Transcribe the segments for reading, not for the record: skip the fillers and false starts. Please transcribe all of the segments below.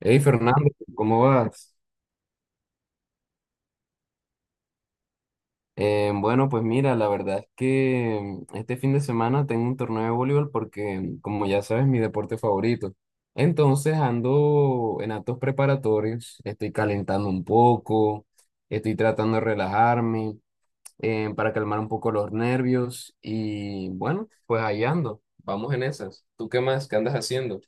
Hey Fernando, ¿cómo vas? Bueno, pues mira, la verdad es que este fin de semana tengo un torneo de voleibol porque, como ya sabes, mi deporte favorito. Entonces ando en actos preparatorios, estoy calentando un poco, estoy tratando de relajarme para calmar un poco los nervios y bueno, pues ahí ando, vamos en esas. ¿Tú qué más? ¿Qué andas haciendo?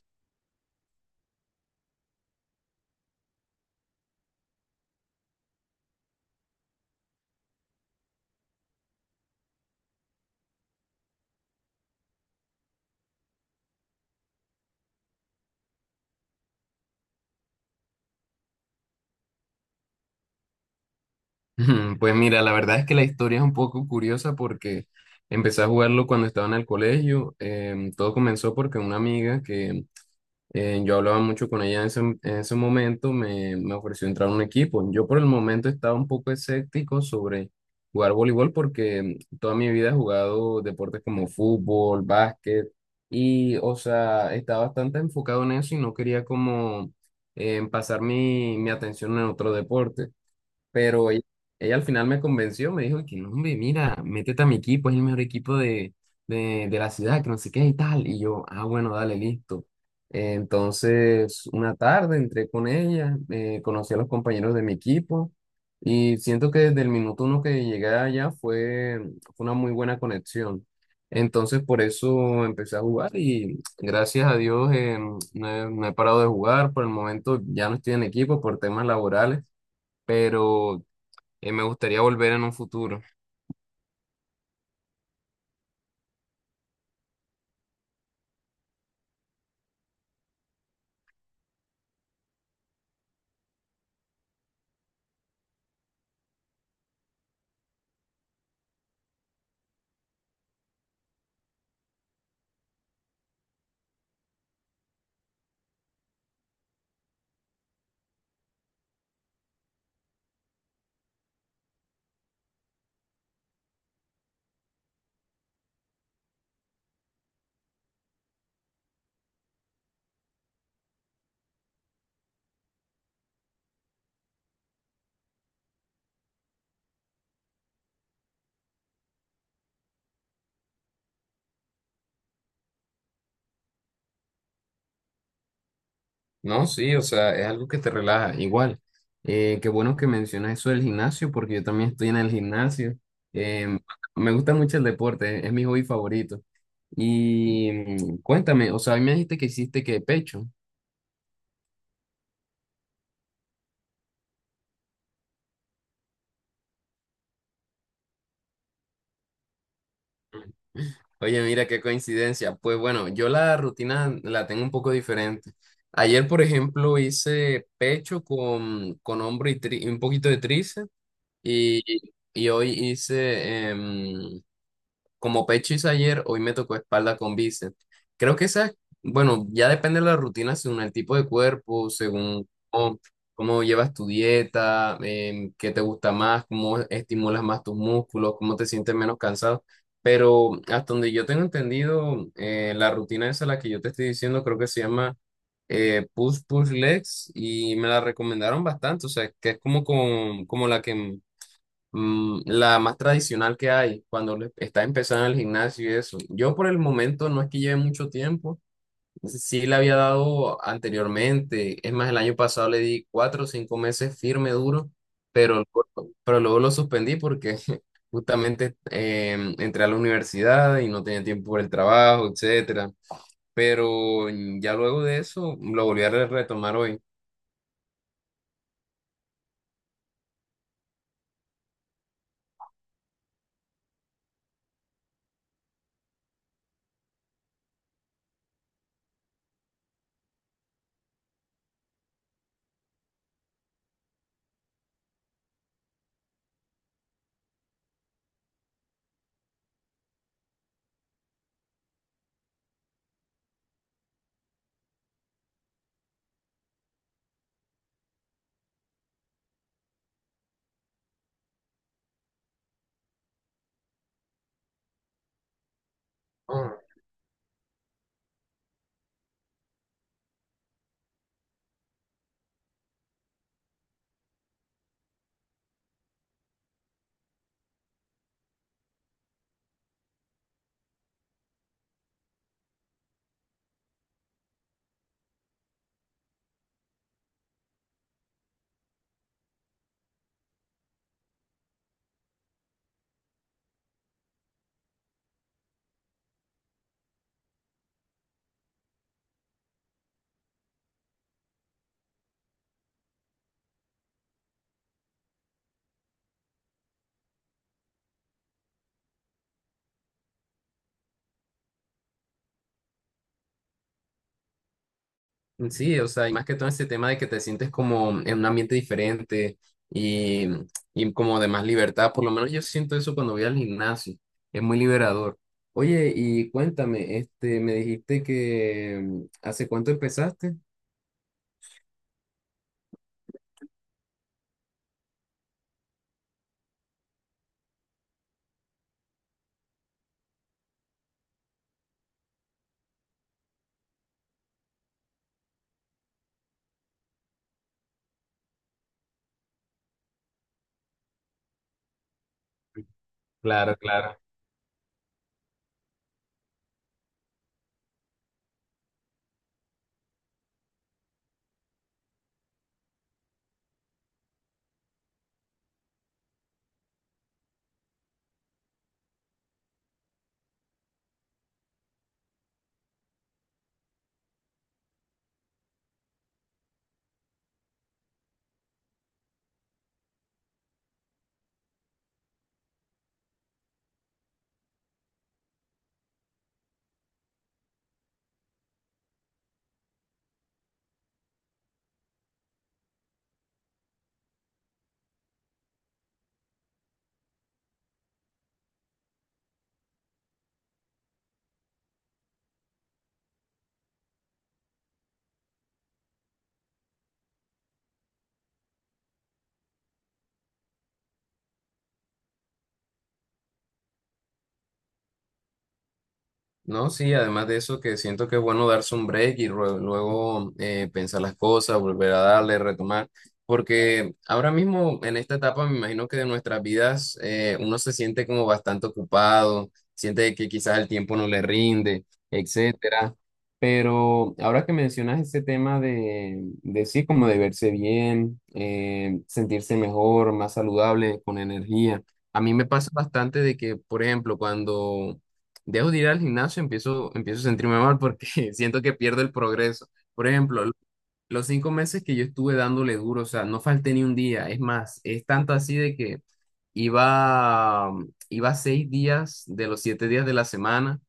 Pues mira, la verdad es que la historia es un poco curiosa porque empecé a jugarlo cuando estaba en el colegio. Todo comenzó porque una amiga que yo hablaba mucho con ella en ese momento me ofreció entrar a un equipo. Yo por el momento estaba un poco escéptico sobre jugar voleibol porque toda mi vida he jugado deportes como fútbol, básquet y, o sea, estaba bastante enfocado en eso y no quería como pasar mi atención en otro deporte. Pero ella al final me convenció, me dijo que no, hombre, mira, métete a mi equipo, es el mejor equipo de la ciudad, que no sé qué y tal. Y yo, ah, bueno, dale, listo. Entonces, una tarde entré con ella, conocí a los compañeros de mi equipo y siento que desde el minuto uno que llegué allá fue una muy buena conexión. Entonces, por eso empecé a jugar y gracias a Dios no he parado de jugar. Por el momento ya no estoy en equipo por temas laborales pero me gustaría volver en un futuro. No, sí, o sea, es algo que te relaja. Igual, qué bueno que mencionas eso del gimnasio, porque yo también estoy en el gimnasio. Em, Me gusta mucho el deporte, es mi hobby favorito. Y mm, cuéntame, o sea, a mí me dijiste que hiciste que pecho. Oye, mira qué coincidencia. Pues bueno, yo la rutina la tengo un poco diferente. Ayer, por ejemplo, hice pecho con hombro y y un poquito de tríceps y, y hoy hice. Como pecho hice ayer, hoy me tocó espalda con bíceps. Creo que esa, bueno, ya depende de la rutina según el tipo de cuerpo, según cómo llevas tu dieta, qué te gusta más, cómo estimulas más tus músculos, cómo te sientes menos cansado. Pero hasta donde yo tengo entendido, la rutina esa, la que yo te estoy diciendo, creo que se llama Push Push Legs y me la recomendaron bastante, o sea, que es como, como la que. Mm, la más tradicional que hay cuando está empezando el gimnasio y eso. Yo por el momento no es que lleve mucho tiempo, sí le había dado anteriormente, es más, el año pasado le di cuatro o cinco meses firme, duro, pero, pero luego lo suspendí porque justamente entré a la universidad y no tenía tiempo por el trabajo, etcétera. Pero mm, ya luego de eso lo volví a retomar hoy. Sí, o sea, y más que todo ese tema de que te sientes como en un ambiente diferente y, y como de más libertad, por lo menos yo siento eso cuando voy al gimnasio, es muy liberador. Oye, y cuéntame, este, me dijiste que mm, ¿hace cuánto empezaste? Claro, claro. No, sí, además de eso que siento que es bueno darse un break y luego, pensar las cosas, volver a darle, retomar, porque ahora mismo en esta etapa me imagino que de nuestras vidas uno se siente como bastante ocupado, siente que quizás el tiempo no le rinde, etcétera. Pero ahora que mencionas ese tema de sí, como de verse bien, sentirse mejor, más saludable, con energía. A mí me pasa bastante de que, por ejemplo, cuando dejo de ir al gimnasio, empiezo a sentirme mal porque siento que pierdo el progreso. Por ejemplo, los cinco meses que yo estuve dándole duro, o sea, no falté ni un día. Es más, es tanto así de que iba, mm, iba seis días de los siete días de la semana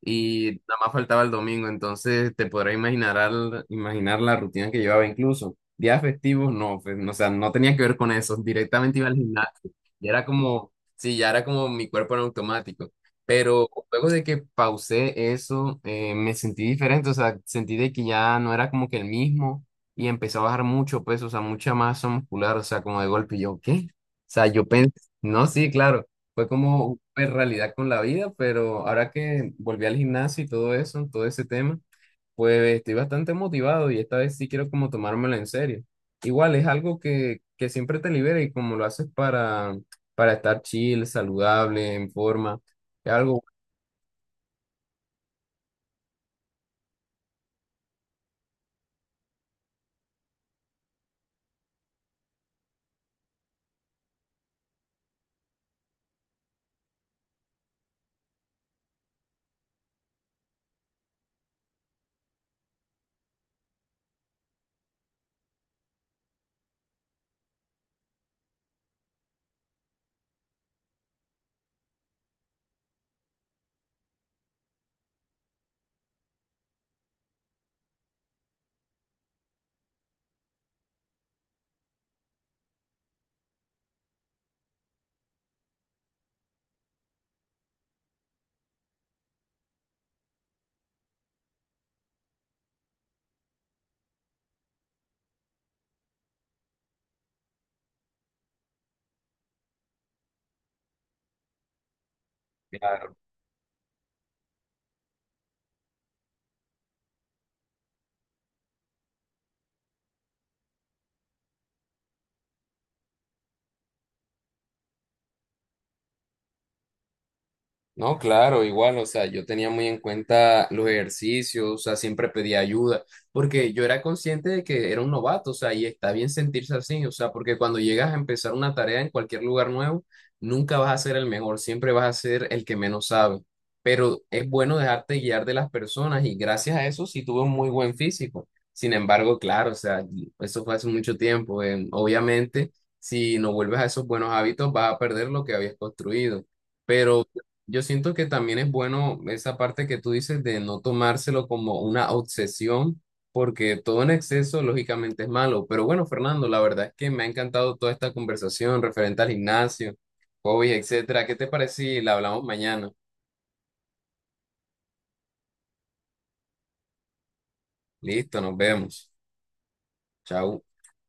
y nada más faltaba el domingo. Entonces te podrás imaginar, imaginar la rutina que llevaba incluso. Días festivos, no, pues, no, o sea, no tenía que ver con eso. Directamente iba al gimnasio. Y era como, sí, ya era como mi cuerpo en automático. Pero luego de que pausé eso, me sentí diferente, o sea, sentí de que ya no era como que el mismo y empecé a bajar mucho peso, o sea, mucha masa muscular, o sea, como de golpe, y yo, ¿qué? O sea, yo pensé, no, sí, claro, fue como una realidad con la vida, pero ahora que volví al gimnasio y todo eso, todo ese tema, pues estoy bastante motivado y esta vez sí quiero como tomármelo en serio. Igual es algo que siempre te libera y como lo haces para estar chill, saludable, en forma, es algo... No, claro, igual, o sea, yo tenía muy en cuenta los ejercicios, o sea, siempre pedía ayuda, porque yo era consciente de que era un novato, o sea, y está bien sentirse así, o sea, porque cuando llegas a empezar una tarea en cualquier lugar nuevo, nunca vas a ser el mejor, siempre vas a ser el que menos sabe, pero es bueno dejarte guiar de las personas y gracias a eso sí tuve un muy buen físico. Sin embargo, claro, o sea, eso fue hace mucho tiempo, obviamente, si no vuelves a esos buenos hábitos, vas a perder lo que habías construido. Yo siento que también es bueno esa parte que tú dices de no tomárselo como una obsesión, porque todo en exceso lógicamente es malo. Pero bueno, Fernando, la verdad es que me ha encantado toda esta conversación referente al gimnasio, hobbies, etcétera. ¿Qué te parece si la hablamos mañana? Listo, nos vemos. Chao.